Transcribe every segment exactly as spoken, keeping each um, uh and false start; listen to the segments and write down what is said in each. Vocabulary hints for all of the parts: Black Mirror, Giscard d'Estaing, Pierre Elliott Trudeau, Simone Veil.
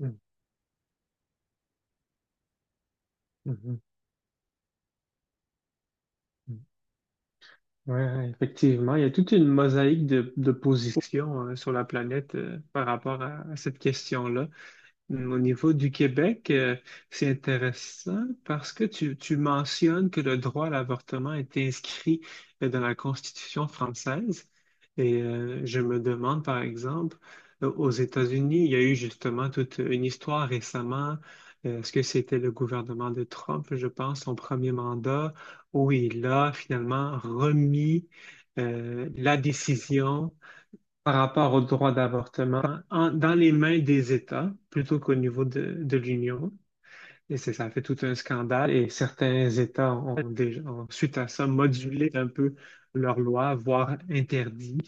Mm, mhm, mm. Ouais, ouais, effectivement, il y a toute une mosaïque de, de positions euh, sur la planète euh, par rapport à, à cette question-là. Hum, Au niveau du Québec, euh, c'est intéressant parce que tu, tu mentionnes que le droit à l'avortement est inscrit euh, dans la Constitution française. Et euh, je me demande, par exemple, euh, aux États-Unis, il y a eu justement toute une histoire récemment. Euh, Est-ce que c'était le gouvernement de Trump, je pense, son premier mandat, où il a finalement remis euh, la décision par rapport au droit d'avortement en- dans les mains des États plutôt qu'au niveau de, de l'Union. Et c'est- ça a fait tout un scandale et certains États ont, déjà, ont, suite à ça, modulé un peu leurs lois, voire interdit.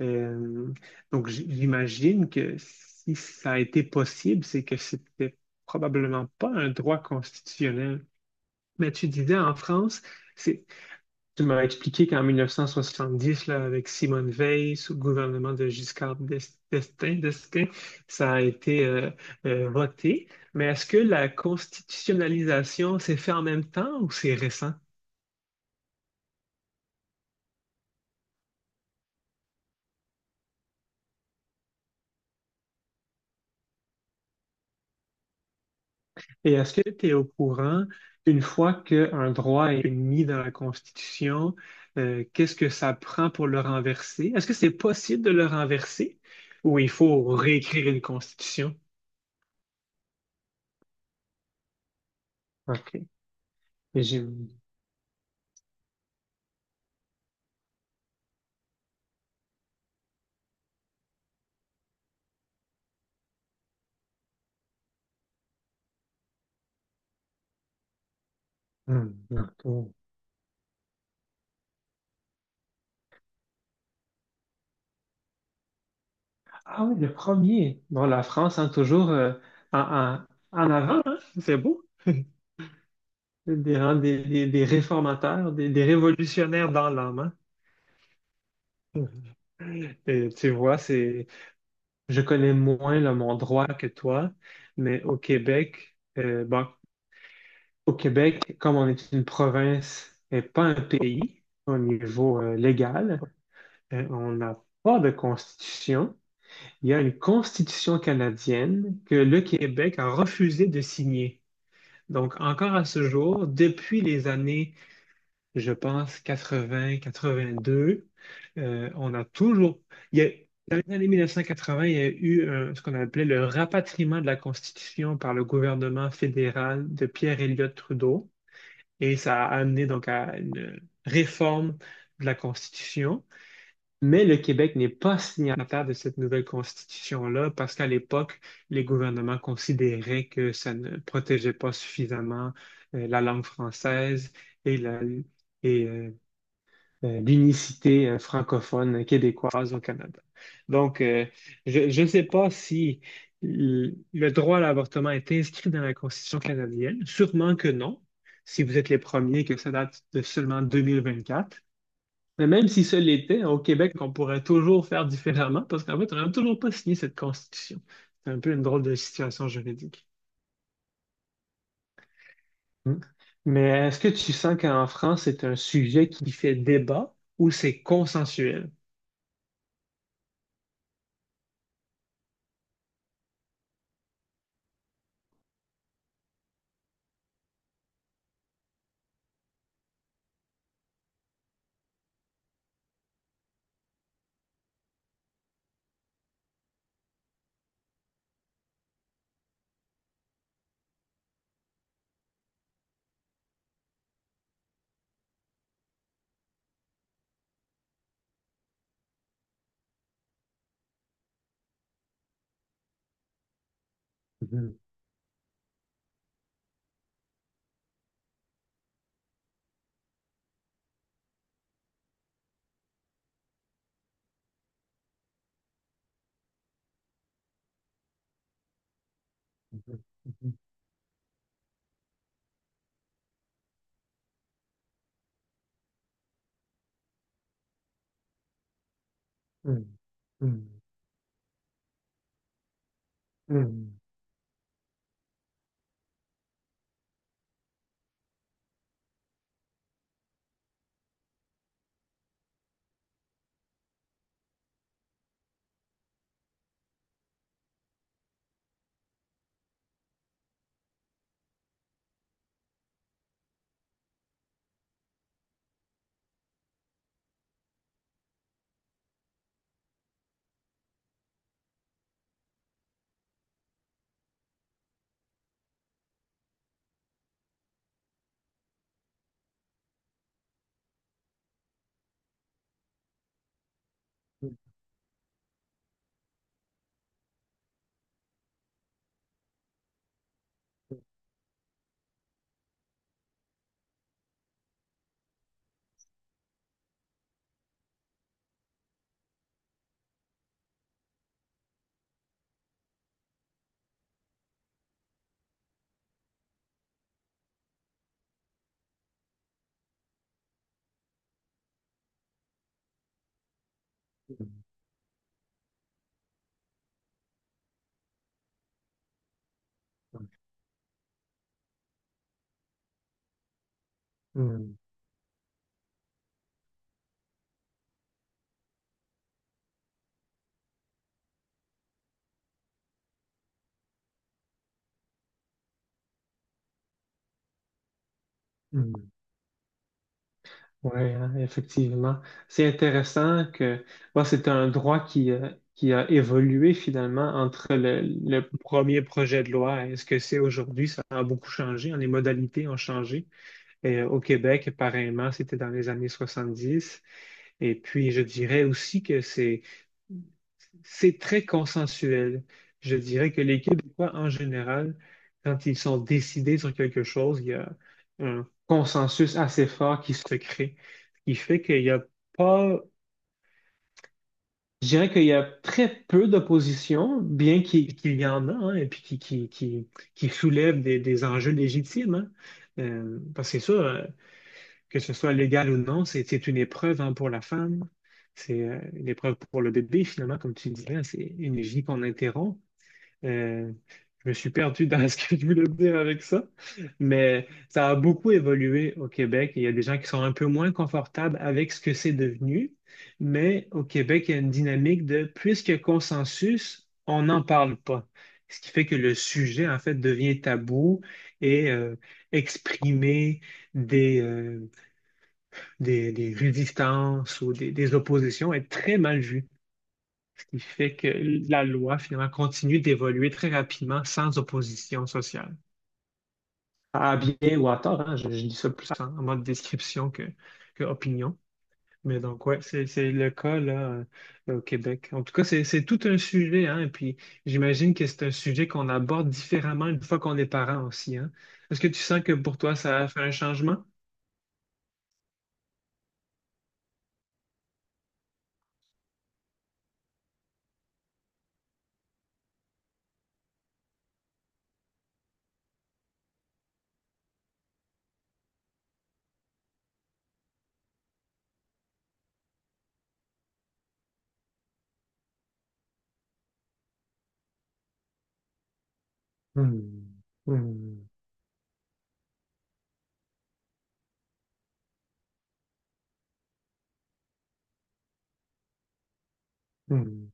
Euh, donc j- j'imagine que si ça a été possible, c'est que c'était probablement pas un droit constitutionnel. Mais tu disais en France, c'est tu m'as expliqué qu'en mille neuf cent soixante-dix, là, avec Simone Veil, sous le gouvernement de Giscard d'Est- d'Estaing, d'Estaing, ça a été euh, euh, voté. Mais est-ce que la constitutionnalisation s'est faite en même temps ou c'est récent? Et est-ce que tu es au courant, une fois qu'un droit est mis dans la Constitution, euh, qu'est-ce que ça prend pour le renverser? Est-ce que c'est possible de le renverser ou il faut réécrire une Constitution? OK. Et J'ai- Hmm, non. Ah oui, le premier. Bon, la France, hein, toujours euh, en, en- en avant, hein. C'est beau. Des, hein, des- des- des réformateurs, des, des révolutionnaires dans l'âme, hein. Et tu vois, c'est, je connais moins là, mon droit que toi, mais au Québec, euh, bon, au Québec, comme on est une province et pas un pays au niveau euh, légal, euh, on n'a pas de constitution. Il y a une constitution canadienne que le Québec a refusé de signer. Donc, encore à ce jour, depuis les années, je pense, quatre-vingts, quatre-vingt-deux, euh, on a toujours... Il y a, dans les années mille neuf cent quatre-vingts, il y a eu un- ce qu'on appelait le rapatriement de la Constitution par le gouvernement fédéral de Pierre Elliott Trudeau. Et ça a amené donc à une réforme de la Constitution. Mais le Québec n'est pas signataire de cette nouvelle constitution-là parce qu'à l'époque, les gouvernements considéraient que ça ne protégeait pas suffisamment euh, la langue française et la, et, euh, euh, l'unicité euh, francophone québécoise au Canada. Donc, euh, je ne sais pas si l- le droit à l'avortement est inscrit dans la Constitution canadienne. Sûrement que non, si vous êtes les premiers, que ça date de seulement deux mille vingt-quatre. Mais même si ce l'était, au Québec, on pourrait toujours faire différemment parce qu'en fait, on n'a toujours pas signé cette constitution. C'est un peu une drôle de situation juridique. Hmm. Mais est-ce que tu sens qu'en France, c'est un sujet qui fait débat ou c'est consensuel? Mhm, mhm, mhm, mhm, mhm, mhm, mhm, mhm, mhm, mhm. Oui, hein, effectivement. C'est intéressant que bon, c'est un droit qui, euh, qui a évolué finalement entre le, le premier projet de loi et ce que c'est aujourd'hui. Ça a beaucoup changé, hein. Les modalités ont changé. Et, euh, au Québec, pareillement, c'était dans les années soixante-dix. Et puis, je dirais aussi que c'est c'est très consensuel. Je dirais que les Québécois, en général, quand ils sont décidés sur quelque chose, il y a un consensus assez fort qui se crée, ce qui fait qu'il n'y a pas, je dirais qu'il y a très peu d'opposition, bien qu'il qu'il y en a, hein, et puis qui, qui, qui, qui soulève des, des enjeux légitimes, hein. Euh, parce que c'est sûr, euh, que ce soit légal ou non, c'est c'est une épreuve hein, pour la femme, c'est euh, une épreuve pour le bébé, finalement, comme tu disais, hein, c'est une vie qu'on interrompt. Euh, je me suis perdu dans ce que je voulais dire avec ça, mais ça a beaucoup évolué au Québec et il y a des gens qui sont un peu moins confortables avec ce que c'est devenu, mais au Québec, il y a une dynamique de puisqu'il y a consensus, on n'en parle pas. Ce qui fait que le sujet, en fait, devient tabou et euh, exprimer des, euh, des, des résistances ou des, des oppositions est très mal vu qui fait que la loi, finalement, continue d'évoluer très rapidement sans opposition sociale. À bien ou à tort, hein, je, je dis ça plus en, en mode description que, que opinion. Mais donc, ouais, c'est, c'est le cas là, euh, au Québec. En tout cas, c'est, c'est tout un sujet, hein, et puis j'imagine que c'est un sujet qu'on aborde différemment une fois qu'on est parent aussi, hein. Est-ce que tu sens que pour toi, ça a fait un changement? Hmm. Hmm. Hmm.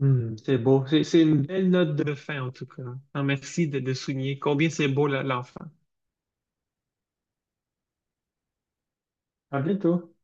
Hmm, c'est beau. C'est c'est une belle note de fin, en tout cas. Ah, merci de, de souligner combien c'est beau, la- l'enfant. À bientôt.